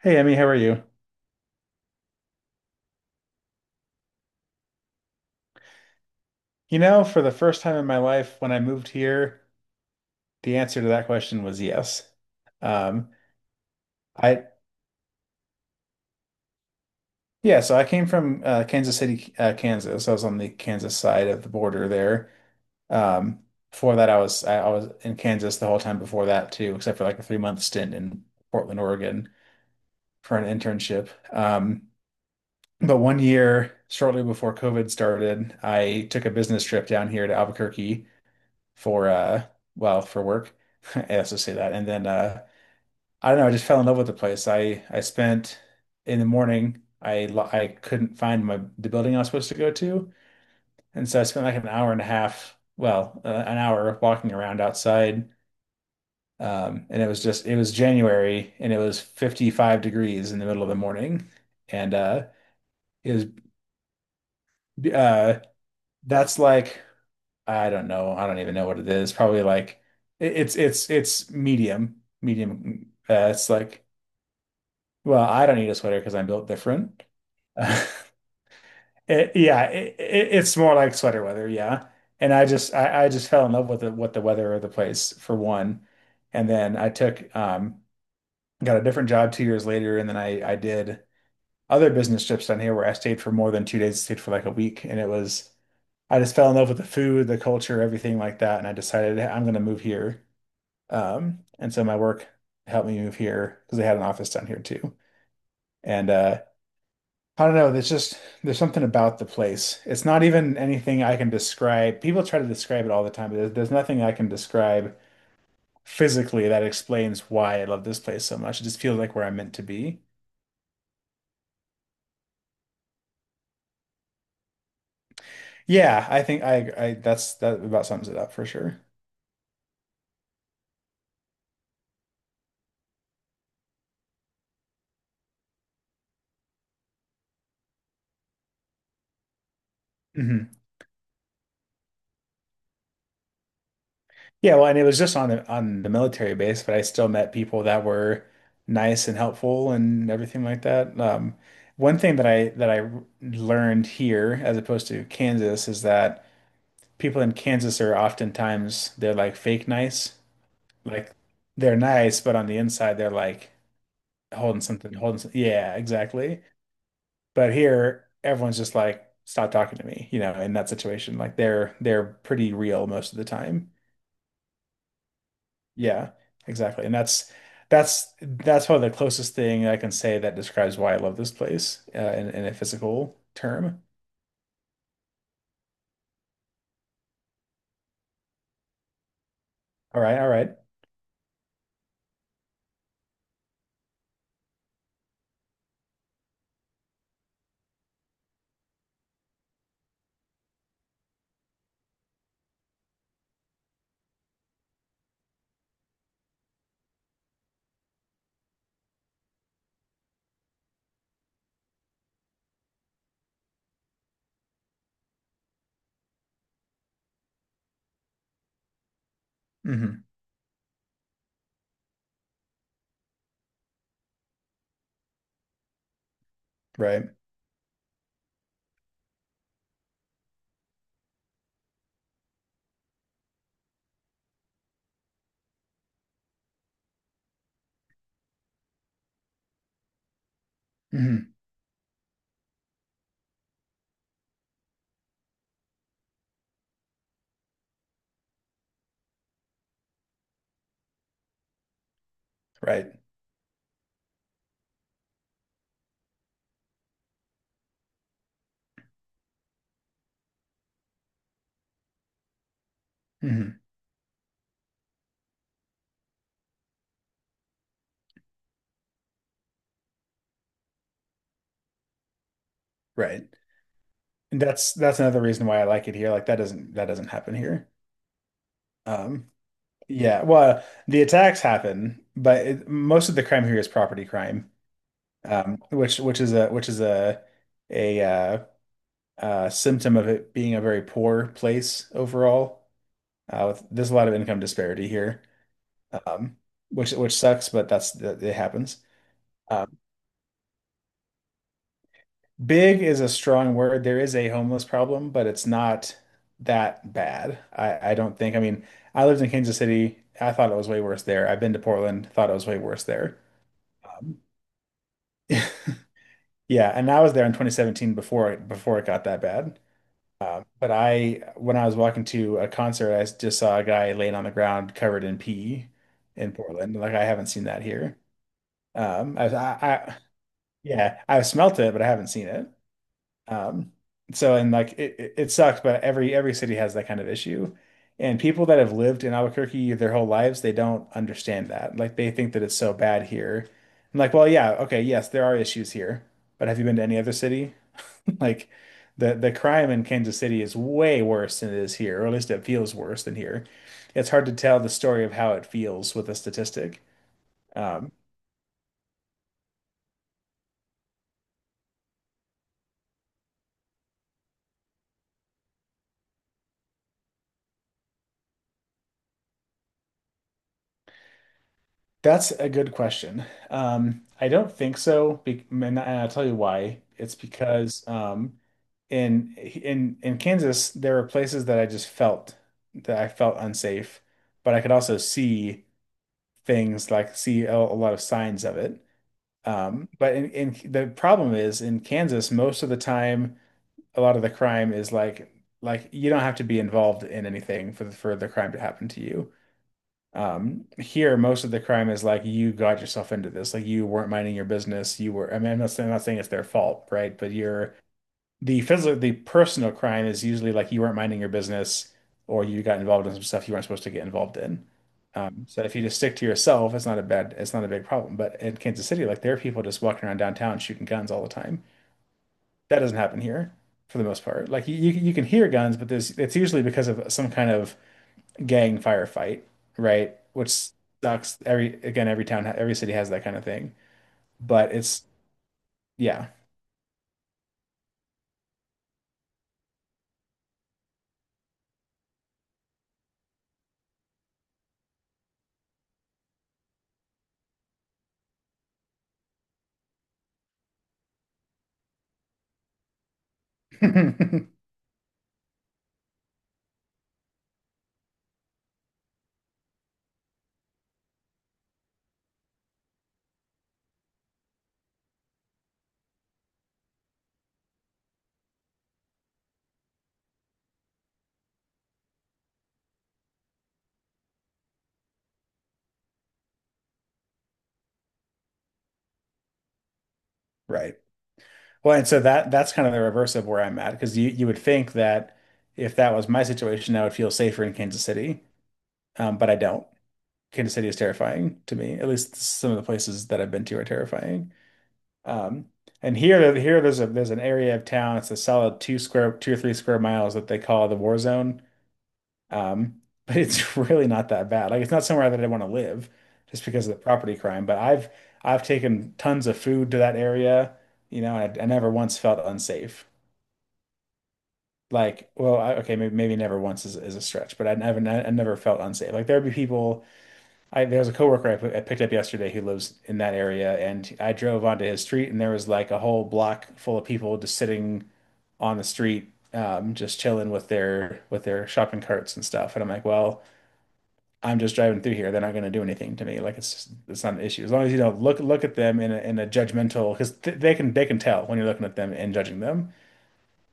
Hey Emmy, how are you? You know, for the first time in my life, when I moved here, the answer to that question was yes. Um, I yeah, so I came from Kansas City, Kansas. I was on the Kansas side of the border there. Um, Before that, I was in Kansas the whole time before that too, except for like a 3 month stint in Portland, Oregon for an internship. But one year, shortly before COVID started, I took a business trip down here to Albuquerque for uh for work. I also say that. And then, I don't know, I just fell in love with the place. I spent in the morning I lo- I couldn't find my the building I was supposed to go to. And so I spent like an hour walking around outside. And it was just it was January and it was 55 degrees in the middle of the morning. And it was uh that's like I don't know. I don't even know what it is. Probably like it's medium, medium. It's like, well, I don't need a sweater because I'm built different. Yeah, it's more like sweater weather. Yeah, and I just fell in love with the what the weather of the place for one, and then I took got a different job 2 years later, and then I did other business trips down here where I stayed for more than 2 days. Stayed for like a week, and it was I just fell in love with the food, the culture, everything like that, and I decided, "Hey, I'm gonna move here." And so my work helped me move here because they had an office down here too. And I don't know, there's something about the place. It's not even anything I can describe. People try to describe it all the time, but there's nothing I can describe physically that explains why I love this place so much. It just feels like where I'm meant to be. Yeah, I think I that's that about sums it up for sure. Mhm. Yeah, well, and it was just on the military base, but I still met people that were nice and helpful and everything like that. One thing that I learned here, as opposed to Kansas, is that people in Kansas are oftentimes they're like fake nice, like they're nice, but on the inside they're like holding something, holding some, yeah, exactly. But here, everyone's just like, stop talking to me, you know, in that situation, like they're pretty real most of the time. Yeah, exactly. And that's probably the closest thing I can say that describes why I love this place in a physical term. All right, all right. Mm-hmm. Right. Mm-hmm. Right. Mm-hmm. Right. And that's another reason why I like it here. Like that doesn't happen here. Um yeah, well, the attacks happen, but most of the crime here is property crime. Which is a symptom of it being a very poor place overall. There's a lot of income disparity here, um, which sucks, but that's that it happens. Um, big is a strong word. There is a homeless problem, but it's not that bad. I don't think. I mean, I lived in Kansas City. I thought it was way worse there. I've been to Portland. Thought it was way worse there. Um, yeah, and I was there in 2017 before it got that bad. But when I was walking to a concert, I just saw a guy laying on the ground covered in pee in Portland. Like I haven't seen that here. Um, I, I, I, yeah, I've smelt it, but I haven't seen it. Um, so, and like it sucks, but every city has that kind of issue. And people that have lived in Albuquerque their whole lives, they don't understand that. Like they think that it's so bad here. I'm like, well, yeah, okay, yes, there are issues here, but have you been to any other city? Like the crime in Kansas City is way worse than it is here, or at least it feels worse than here. It's hard to tell the story of how it feels with a statistic. Um, That's a good question. I don't think so, be and I'll tell you why. It's because in Kansas, there were places that I felt unsafe, but I could also see things like see a lot of signs of it. But in the problem is in Kansas, most of the time, a lot of the crime is like you don't have to be involved in anything for for the crime to happen to you. Here, most of the crime is like you got yourself into this, like you weren't minding your business. I mean, I'm not saying it's their fault, right? But you're the personal crime is usually like you weren't minding your business or you got involved in some stuff you weren't supposed to get involved in. So if you just stick to yourself, it's not a bad, it's not a big problem. But in Kansas City, like there are people just walking around downtown shooting guns all the time. That doesn't happen here for the most part. Like you can hear guns, but it's usually because of some kind of gang firefight, right? Which sucks. Every again, every town, every city has that kind of thing, but it's yeah, right. Well, and so that that's kind of the reverse of where I'm at because you would think that if that was my situation, I would feel safer in Kansas City, but I don't. Kansas City is terrifying to me. At least some of the places that I've been to are terrifying. Um, and here, there's a there's an area of town. It's a solid two square, two or three square miles that they call the war zone. But it's really not that bad. Like it's not somewhere that I want to live just because of the property crime. But I've taken tons of food to that area, you know, and I never once felt unsafe. Like, okay, maybe never once is a stretch, but I never felt unsafe. Like there'd be people. I There was a coworker I picked up yesterday who lives in that area, and I drove onto his street, and there was like a whole block full of people just sitting on the street, just chilling with their shopping carts and stuff. And I'm like, well, I'm just driving through here. They're not going to do anything to me. Like it's not an issue as long as you don't look at them in in a judgmental, because th they can tell when you're looking at them and judging them,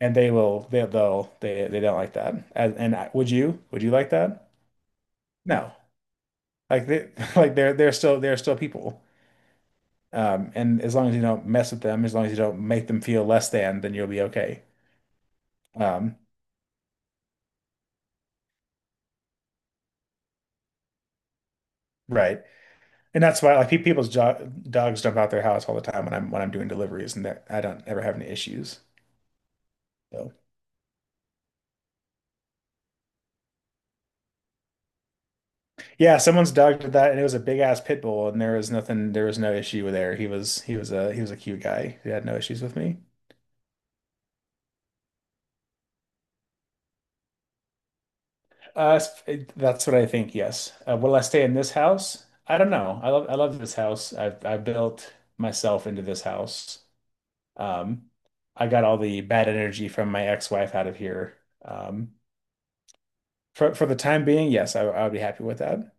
and they will they they'll they don't like that. Would you would you like that? No, like they like they're still people. And as long as you don't mess with them, as long as you don't make them feel less than, then you'll be okay. Um, right. And that's why like pe- people's jo dogs jump out their house all the time when I'm doing deliveries, and that I don't ever have any issues. So. Yeah, someone's dog did that, and it was a big ass pit bull, and there was no issue there. He was a cute guy. He had no issues with me. Uh, that's what I think. Yes. Will I stay in this house? I don't know. I love this house. I built myself into this house. Um, I got all the bad energy from my ex-wife out of here. Um, for the time being, yes, I would be happy with that.